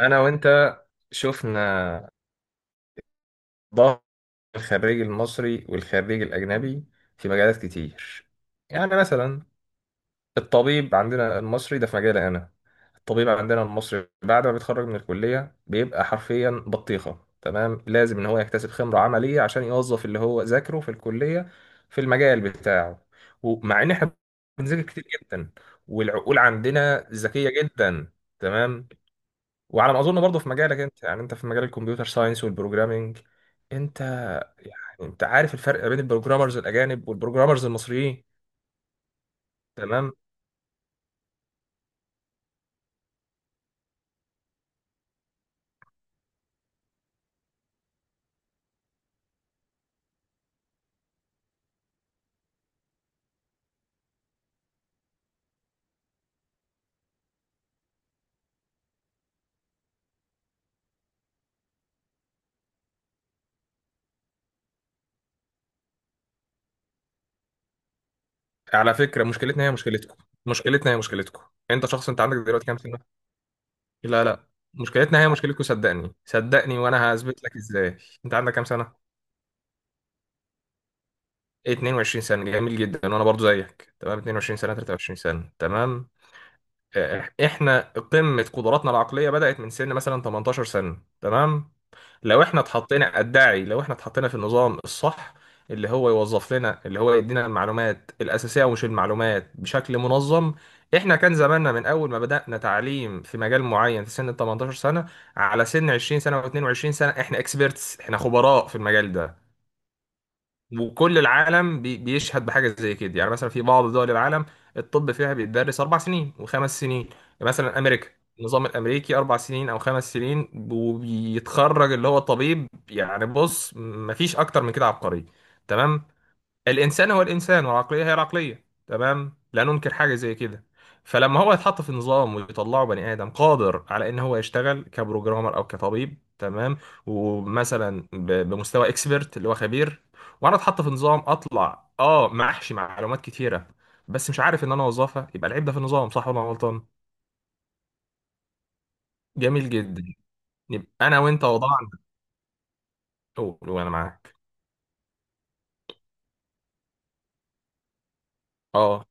انا وانت شفنا ضغط الخريج المصري والخريج الاجنبي في مجالات كتير. يعني مثلا الطبيب عندنا المصري ده في مجالي انا. الطبيب عندنا المصري بعد ما بيتخرج من الكليه بيبقى حرفيا بطيخه. تمام، لازم ان هو يكتسب خبره عمليه عشان يوظف اللي هو ذاكره في الكليه في المجال بتاعه. ومع ان احنا بنذاكر كتير جدا والعقول عندنا ذكيه جدا. تمام. وعلى ما اظن برضه في مجالك انت، يعني انت في مجال الكمبيوتر ساينس والبروجرامينج، انت يعني انت عارف الفرق بين البروجرامرز الاجانب والبروجرامرز المصريين. تمام. على فكره، مشكلتنا هي مشكلتكم. مشكلتنا هي مشكلتكم. انت شخص انت عندك دلوقتي كام سنه؟ لا لا، مشكلتنا هي مشكلتكم، صدقني صدقني، وانا هثبت لك ازاي. انت عندك كام سنه؟ 22 سنه، جميل جدا. وانا برضو زيك، تمام. 22 سنه، 23 سنه، تمام. احنا قمه قدراتنا العقليه بدات من سن مثلا 18 سنه. تمام، لو احنا اتحطينا ادعي، لو احنا اتحطينا في النظام الصح، اللي هو يوظف لنا، اللي هو يدينا المعلومات الاساسيه ومش المعلومات بشكل منظم. احنا كان زماننا من اول ما بدانا تعليم في مجال معين في سن ال 18 سنه على سن 20 سنه و22 سنه احنا اكسبيرتس، احنا خبراء في المجال ده. وكل العالم بيشهد بحاجه زي كده. يعني مثلا في بعض دول العالم الطب فيها بيتدرس اربع سنين وخمس سنين. يعني مثلا امريكا، النظام الامريكي اربع سنين او خمس سنين وبيتخرج اللي هو طبيب. يعني بص، مفيش اكتر من كده عبقري. تمام. الانسان هو الانسان والعقليه هي العقليه. تمام، لا ننكر حاجه زي كده. فلما هو يتحط في نظام ويطلعه بني ادم قادر على ان هو يشتغل كبروجرامر او كطبيب، تمام، ومثلا بمستوى اكسبرت اللي هو خبير، وانا اتحط في نظام اطلع اه محشي معلومات كتيره بس مش عارف ان انا اوظفها، يبقى العيب ده في النظام؟ صح ولا أنا غلطان؟ جميل جدا. يبقى انا وانت وضعنا. قول وانا معاك. اه،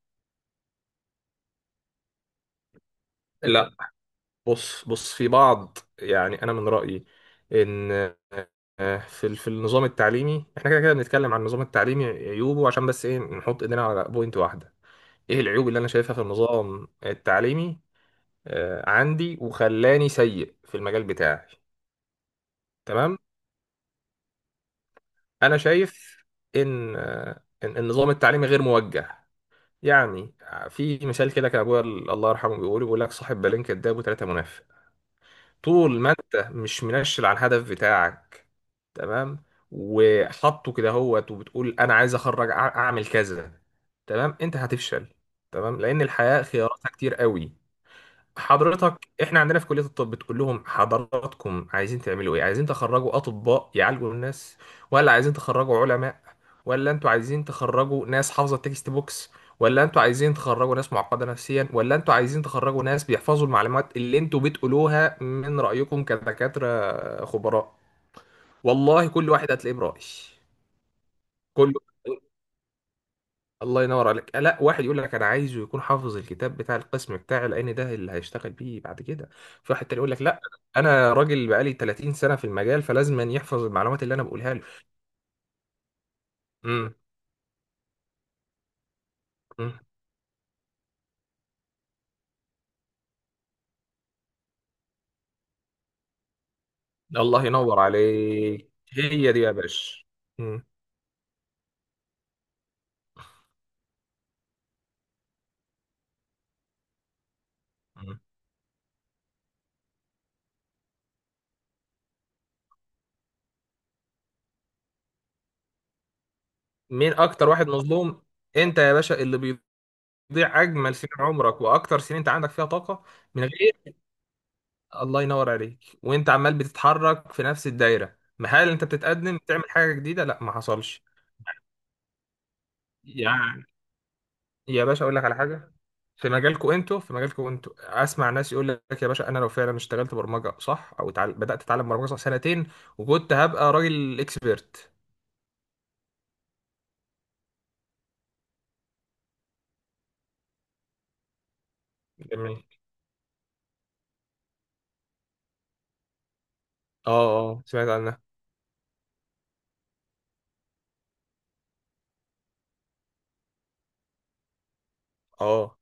لا. بص بص في بعض، يعني انا من رايي ان في في النظام التعليمي احنا كده كده بنتكلم عن النظام التعليمي عيوبه عشان بس ايه؟ نحط ايدينا على بوينت واحده. ايه العيوب اللي انا شايفها في النظام التعليمي عندي وخلاني سيء في المجال بتاعي؟ تمام. انا شايف ان ان النظام التعليمي غير موجه. يعني في مثال كده كان ابويا الله يرحمه بيقول لك صاحب بالين كداب وثلاثه منافق. طول ما انت مش منشل على الهدف بتاعك، تمام، وحاطه كده هوت وبتقول انا عايز اخرج اعمل كذا، تمام، انت هتفشل. تمام، لان الحياة خياراتها كتير قوي. حضرتك، احنا عندنا في كلية الطب بتقول لهم حضراتكم عايزين تعملوا ايه؟ عايزين تخرجوا اطباء يعالجوا الناس؟ ولا عايزين تخرجوا علماء؟ ولا انتوا عايزين تخرجوا ناس حافظة التكست بوكس؟ ولا انتوا عايزين تخرجوا ناس معقدة نفسيا؟ ولا انتوا عايزين تخرجوا ناس بيحفظوا المعلومات اللي انتوا بتقولوها من رأيكم كدكاترة خبراء؟ والله كل واحد هتلاقيه برأي. كله. الله ينور عليك. لا، واحد يقول لك انا عايزه يكون حافظ الكتاب بتاع القسم بتاعي لان ده اللي هيشتغل بيه بعد كده. في واحد تاني يقول لك لا، انا راجل بقالي 30 سنه في المجال فلازم أن يحفظ المعلومات اللي انا بقولها له. امم. أمم. الله ينور عليك، هي دي يا باشا. أمم. أمم. مين اكتر واحد مظلوم؟ انت يا باشا، اللي بيضيع اجمل سنين عمرك واكتر سنين انت عندك فيها طاقه من غير. الله ينور عليك. وانت عمال بتتحرك في نفس الدايره، ما هل انت بتتقدم تعمل حاجه جديده؟ لا، ما حصلش. يعني يا باشا اقول لك على حاجه. في مجالكم انتوا، في مجالكم انتوا اسمع ناس يقول لك يا باشا انا لو فعلا اشتغلت برمجه صح، او بدات اتعلم برمجه صح سنتين، وكنت هبقى راجل اكسبيرت. جميل. اه. اه، سمعت عنها. اه،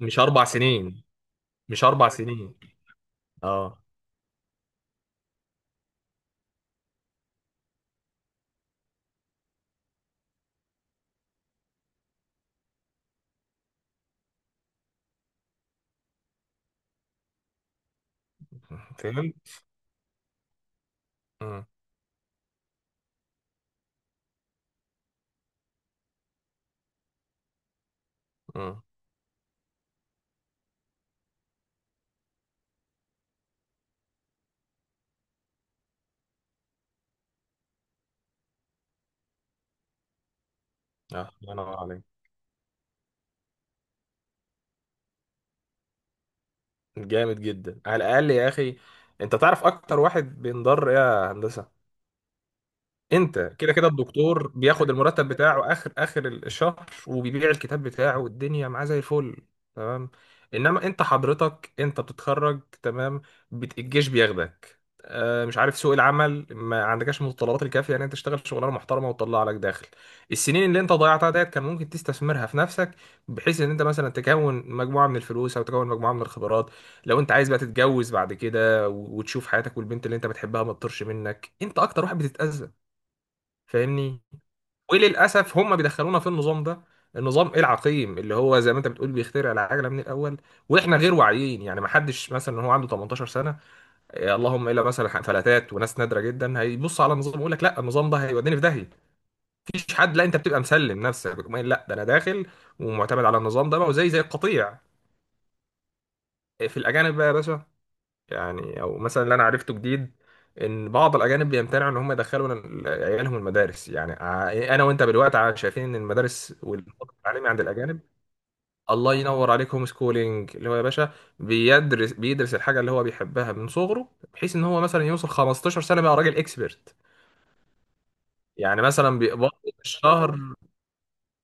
مش اربع سنين، مش اربع سنين. اه، فهمت. امم. امم. اه، الله ينور عليك. جامد جدا على الاقل يا اخي. انت تعرف اكتر واحد بينضر ايه، يا هندسه؟ انت كده كده الدكتور بياخد المرتب بتاعه اخر اخر الشهر وبيبيع الكتاب بتاعه والدنيا معاه زي الفل. تمام، انما انت حضرتك انت بتتخرج، تمام، الجيش بياخدك. آه، مش عارف، سوق العمل ما عندكش المتطلبات الكافيه ان انت تشتغل شغلانه محترمه وتطلع لك داخل. السنين اللي انت ضيعتها ديت كان ممكن تستثمرها في نفسك، بحيث ان انت مثلا تكون مجموعه من الفلوس او تكون مجموعه من الخبرات. لو انت عايز بقى تتجوز بعد كده وتشوف حياتك والبنت اللي انت بتحبها ما تطرش منك، انت اكتر واحد بتتاذى، فاهمني؟ وللاسف هم بيدخلونا في النظام ده، النظام العقيم اللي هو زي ما انت بتقول بيخترع العجله من الاول، واحنا غير واعيين. يعني ما حدش مثلا هو عنده 18 سنه إيه، اللهم الا مثلا فلاتات وناس نادره جدا هيبص على النظام ويقول لك لا، النظام ده هيوديني في داهيه. مفيش حد، لا انت بتبقى مسلم نفسك بتقوم قايل لا، ده انا داخل ومعتمد على النظام ده بقى، وزي القطيع. إيه في الاجانب بقى يا باشا، يعني او مثلا اللي انا عرفته جديد ان بعض الاجانب بيمتنعوا ان هم يدخلوا عيالهم المدارس. يعني انا وانت بالوقت شايفين ان المدارس والفقر التعليمي عند الاجانب. الله ينور عليك، هوم سكولينج، اللي هو يا باشا بيدرس الحاجه اللي هو بيحبها من صغره، بحيث ان هو مثلا يوصل 15 سنه بقى راجل اكسبرت. يعني مثلا بيقبض له في الشهر،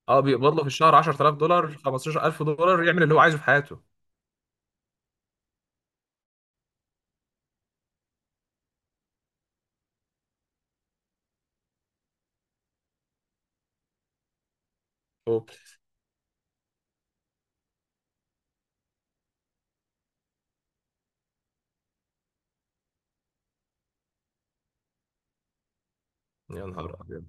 اه بيقبض له في الشهر 10000 دولار 15000 دولار يعمل اللي هو عايزه في حياته. اوبس، يا نهار ابيض.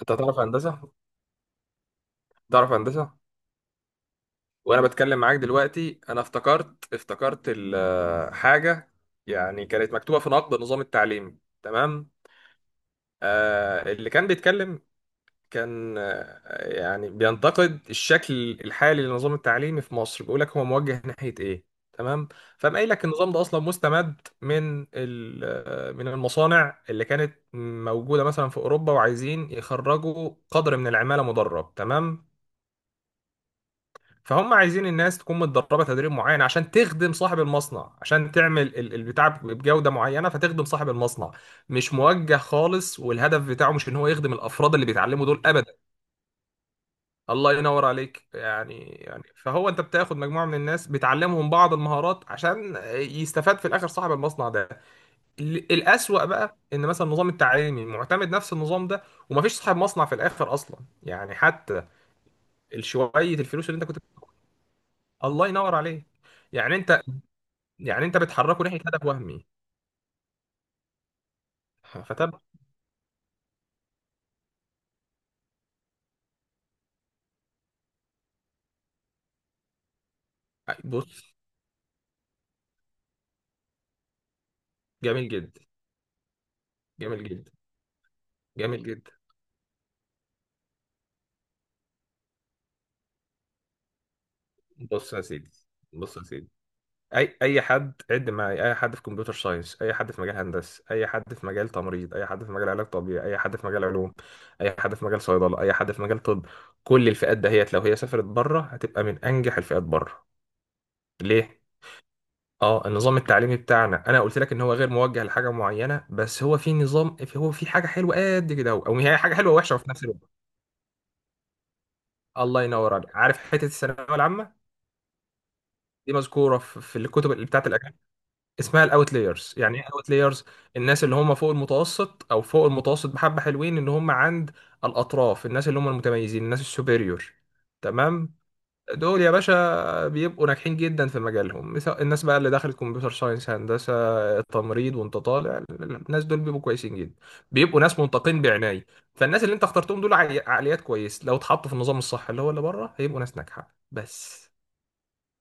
انت تعرف هندسه؟ تعرف هندسه. وانا بتكلم معاك دلوقتي انا افتكرت حاجه يعني كانت مكتوبه في نقد نظام التعليم. تمام. آه اللي كان بيتكلم كان يعني بينتقد الشكل الحالي للنظام التعليمي في مصر، بيقول لك هو موجه ناحيه ايه؟ تمام. فقام قايل لك النظام ده اصلا مستمد من من المصانع اللي كانت موجوده مثلا في اوروبا، وعايزين يخرجوا قدر من العماله مدرب. تمام، فهم عايزين الناس تكون متدربه تدريب معين عشان تخدم صاحب المصنع، عشان تعمل البتاع بجوده معينه فتخدم صاحب المصنع. مش موجه خالص، والهدف بتاعه مش ان هو يخدم الافراد اللي بيتعلموا دول ابدا. الله ينور عليك. يعني فهو انت بتاخد مجموعه من الناس بتعلمهم بعض المهارات عشان يستفاد في الاخر صاحب المصنع ده. الاسوأ بقى ان مثلا النظام التعليمي معتمد نفس النظام ده، ومفيش صاحب مصنع في الاخر اصلا، يعني حتى شويه الفلوس اللي انت كنت. الله ينور عليك. يعني انت يعني انت بتحركه ناحيه هدف وهمي. فتبقى بص. جميل جدا. جميل جدا جميل جدا. بص يا سيدي، بص يا سيدي، اي اي حد عد معايا، اي حد في كمبيوتر ساينس، اي حد في مجال هندسه، اي حد في مجال تمريض، اي حد في مجال علاج طبيعي، اي حد في مجال علوم، اي حد في مجال صيدله، اي حد في مجال طب، كل الفئات دهيت لو هي سافرت بره هتبقى من انجح الفئات بره. ليه؟ اه، النظام التعليمي بتاعنا انا قلت لك ان هو غير موجه لحاجه معينه، بس هو في نظام، هو في حاجه حلوه قد كده، او هي حاجه حلوه ووحشه في نفس الوقت. الله ينور عليك. عارف حته الثانويه العامه دي مذكوره في الكتب اللي بتاعت الاجانب؟ اسمها الاوتلايرز. يعني ايه اوتلايرز؟ الناس اللي هم فوق المتوسط، او فوق المتوسط بحبه، حلوين اللي هم عند الاطراف، الناس اللي هم المتميزين، الناس السوبريور. تمام. دول يا باشا بيبقوا ناجحين جدا في مجالهم، مثل الناس بقى اللي دخلت كمبيوتر ساينس، هندسة، التمريض، وانت طالع، الناس دول بيبقوا كويسين جدا، بيبقوا ناس منتقين بعناية. فالناس اللي انت اخترتهم دول عقليات كويس، لو اتحطوا في النظام الصح اللي هو اللي بره هيبقوا ناس ناجحة. بس.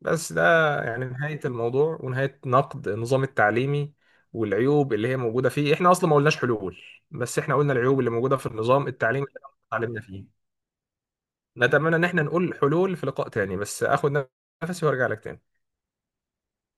بس ده يعني نهاية الموضوع، ونهاية نقد النظام التعليمي والعيوب اللي هي موجودة فيه. احنا اصلا ما قلناش حلول، بس احنا قلنا العيوب اللي موجودة في النظام التعليمي اللي احنا اتعلمنا فيه. نتمنى ان احنا نقول حلول في لقاء تاني، بس اخد نفسي وارجع لك تاني.